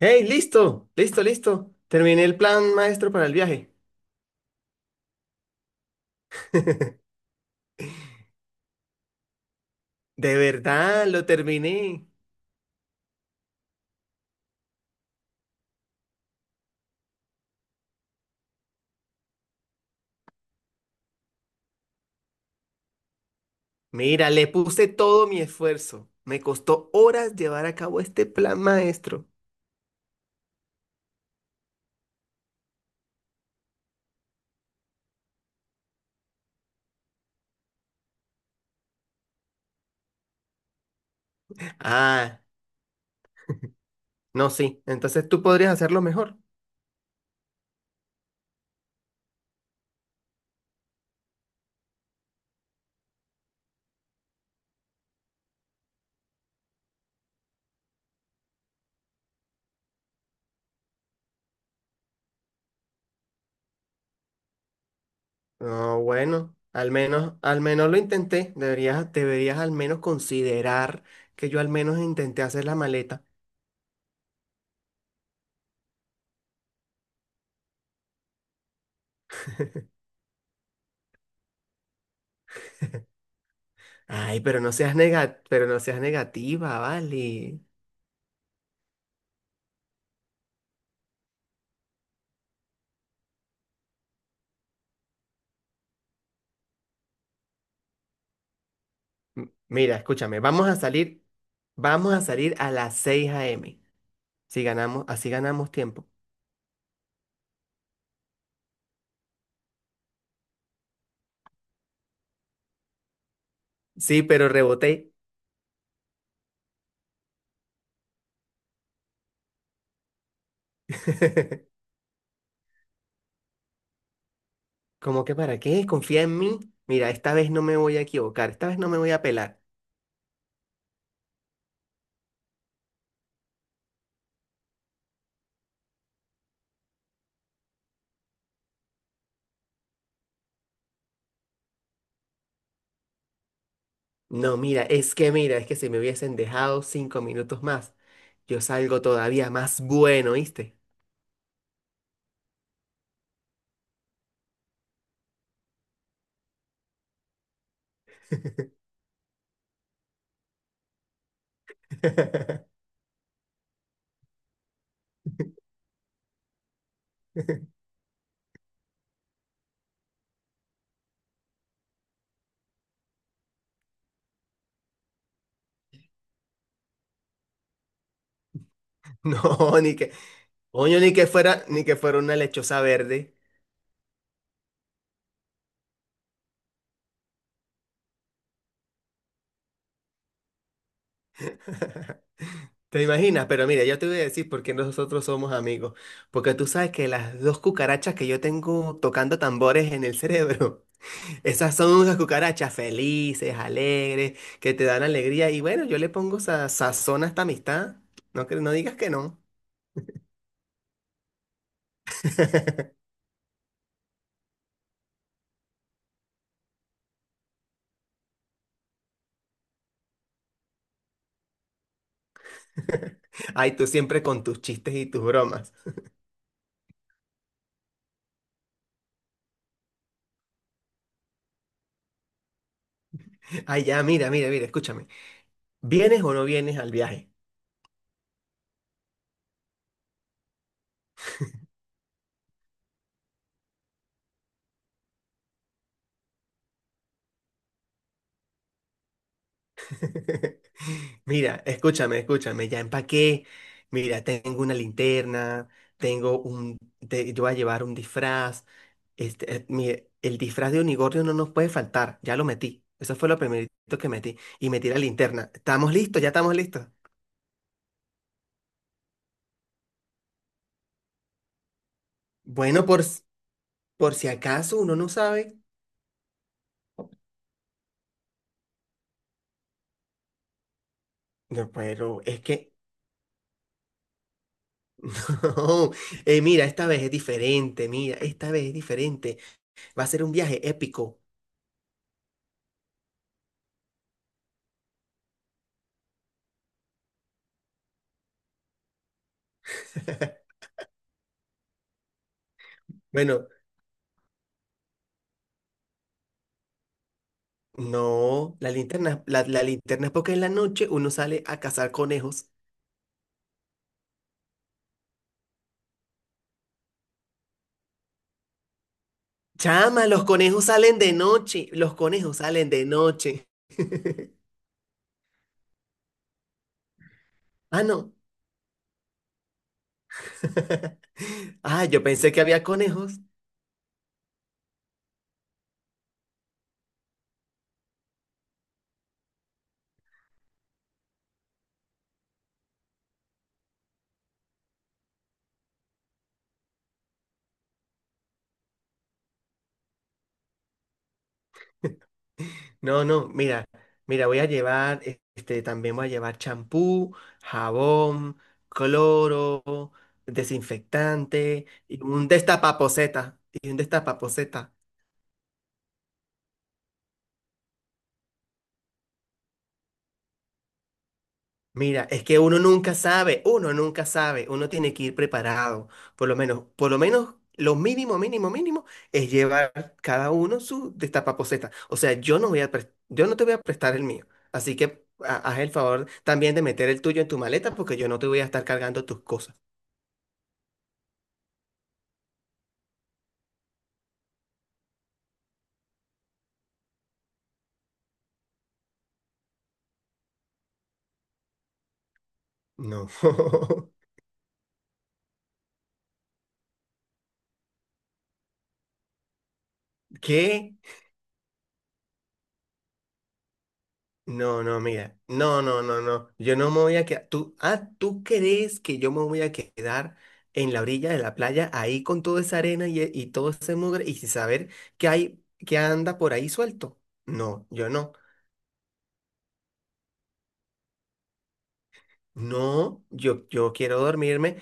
Hey, listo, listo, listo. Terminé el plan maestro para el viaje. De verdad, lo terminé. Mira, le puse todo mi esfuerzo. Me costó horas llevar a cabo este plan maestro. Ah, no, sí. Entonces tú podrías hacerlo mejor. No, bueno, al menos lo intenté. Deberías al menos considerar que yo al menos intenté hacer la maleta. Ay, pero no seas negativa, vale. Mira, escúchame, vamos a salir a las 6 a. m. Si ganamos, así ganamos tiempo. Sí, pero reboté. ¿Cómo que para qué? Confía en mí. Mira, esta vez no me voy a equivocar, esta vez no me voy a pelar. No, mira, es que si me hubiesen dejado 5 minutos más, yo salgo todavía más bueno, ¿viste? No, ni que, coño, ni que fuera una lechosa verde. ¿Te imaginas? Pero mira, yo te voy a decir por qué nosotros somos amigos. Porque tú sabes que las dos cucarachas que yo tengo tocando tambores en el cerebro, esas son unas cucarachas felices, alegres, que te dan alegría. Y bueno, yo le pongo sazón a esta amistad. No, no digas que no. Ay, tú siempre con tus chistes y tus bromas. Ay, ya, mira, escúchame. ¿Vienes o no vienes al viaje? Mira, escúchame, ya empaqué. Mira, tengo una linterna, tengo un, yo voy a llevar un disfraz. Mire, el disfraz de unicornio no nos puede faltar, ya lo metí. Eso fue lo primerito que metí. Y metí la linterna. ¿Estamos listos? ¿Ya estamos listos? Bueno, por si acaso uno no sabe. No, pero es que. No. Mira, esta vez es diferente, mira, esta vez es diferente. Va a ser un viaje épico. Bueno, no, la linterna, la linterna es porque en la noche uno sale a cazar conejos. Chama, los conejos salen de noche. Los conejos salen de noche. Ah, no. Ah, yo pensé que había conejos. No, no, mira, voy a llevar, este, también voy a llevar champú, jabón, cloro, desinfectante y un destapaposeta. Y un destapaposeta. Mira, es que uno nunca sabe, uno nunca sabe, uno tiene que ir preparado, por lo menos lo mínimo, mínimo, mínimo es llevar cada uno su destapaposeta. O sea, yo no te voy a prestar el mío, así que haz el favor también de meter el tuyo en tu maleta porque yo no te voy a estar cargando tus cosas. No. ¿Qué? No, no, mira, no, no, no, no, yo no me voy a quedar, tú, ah, ¿tú crees que yo me voy a quedar en la orilla de la playa ahí con toda esa arena y todo ese mugre y sin saber que hay, que anda por ahí suelto? No, yo no, no, yo quiero dormirme,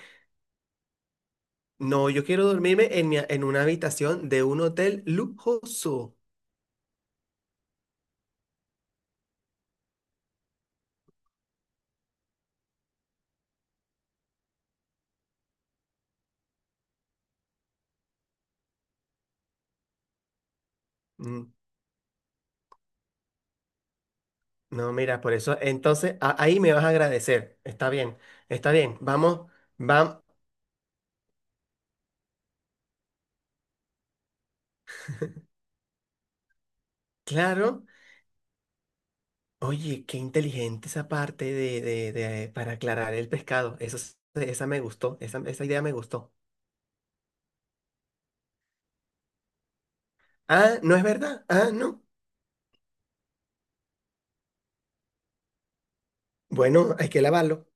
no, yo quiero dormirme en una habitación de un hotel lujoso. Mm, No, mira, por eso, entonces ahí me vas a agradecer, está bien, vamos, vamos. Claro. Oye, qué inteligente esa parte para aclarar el pescado. Eso, esa me gustó, esa idea me gustó. Ah, ¿no es verdad? Ah, no. Bueno, hay que lavarlo.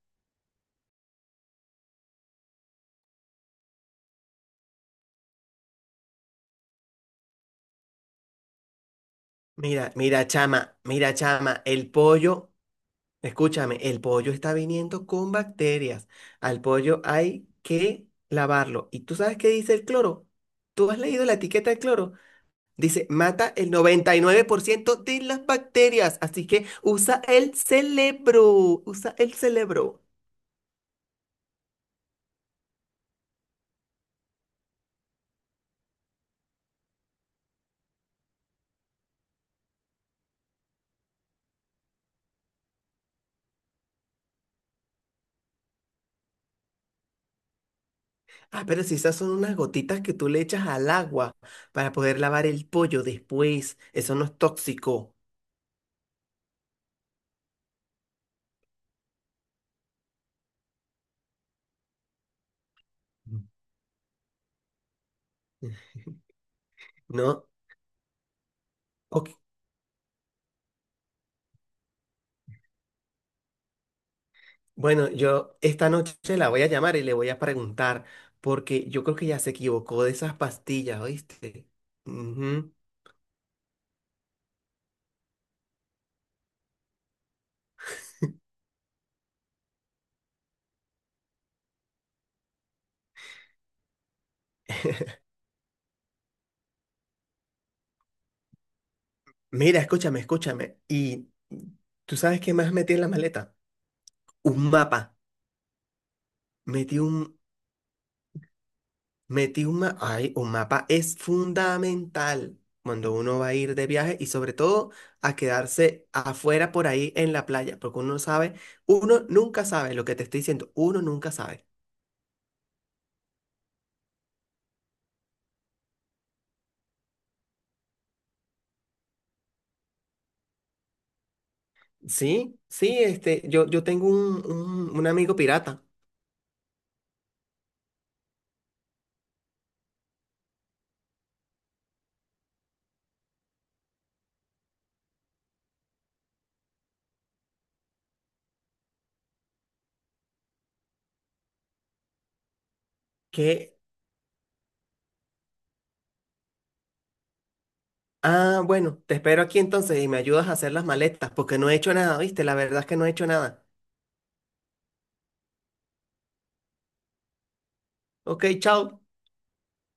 Mira, chama, mira, chama, el pollo, escúchame, el pollo está viniendo con bacterias. Al pollo hay que lavarlo. ¿Y tú sabes qué dice el cloro? ¿Tú has leído la etiqueta del cloro? Dice, mata el 99% de las bacterias, así que usa el cerebro, usa el cerebro. Ah, pero si esas son unas gotitas que tú le echas al agua para poder lavar el pollo después, eso no es tóxico. Mm. ¿No? Ok. Bueno, yo esta noche la voy a llamar y le voy a preguntar, porque yo creo que ya se equivocó de esas pastillas, ¿oíste? Ujú. Mira, escúchame. ¿Y tú sabes qué más metí en la maleta? Un mapa. Metí un, Metí un mapa. Ay, un mapa es fundamental cuando uno va a ir de viaje y sobre todo a quedarse afuera por ahí en la playa, porque uno sabe, uno nunca sabe lo que te estoy diciendo, uno nunca sabe. Sí, sí, yo tengo un amigo pirata que, bueno, te espero aquí entonces y me ayudas a hacer las maletas, porque no he hecho nada, ¿viste? La verdad es que no he hecho nada. Ok, chao.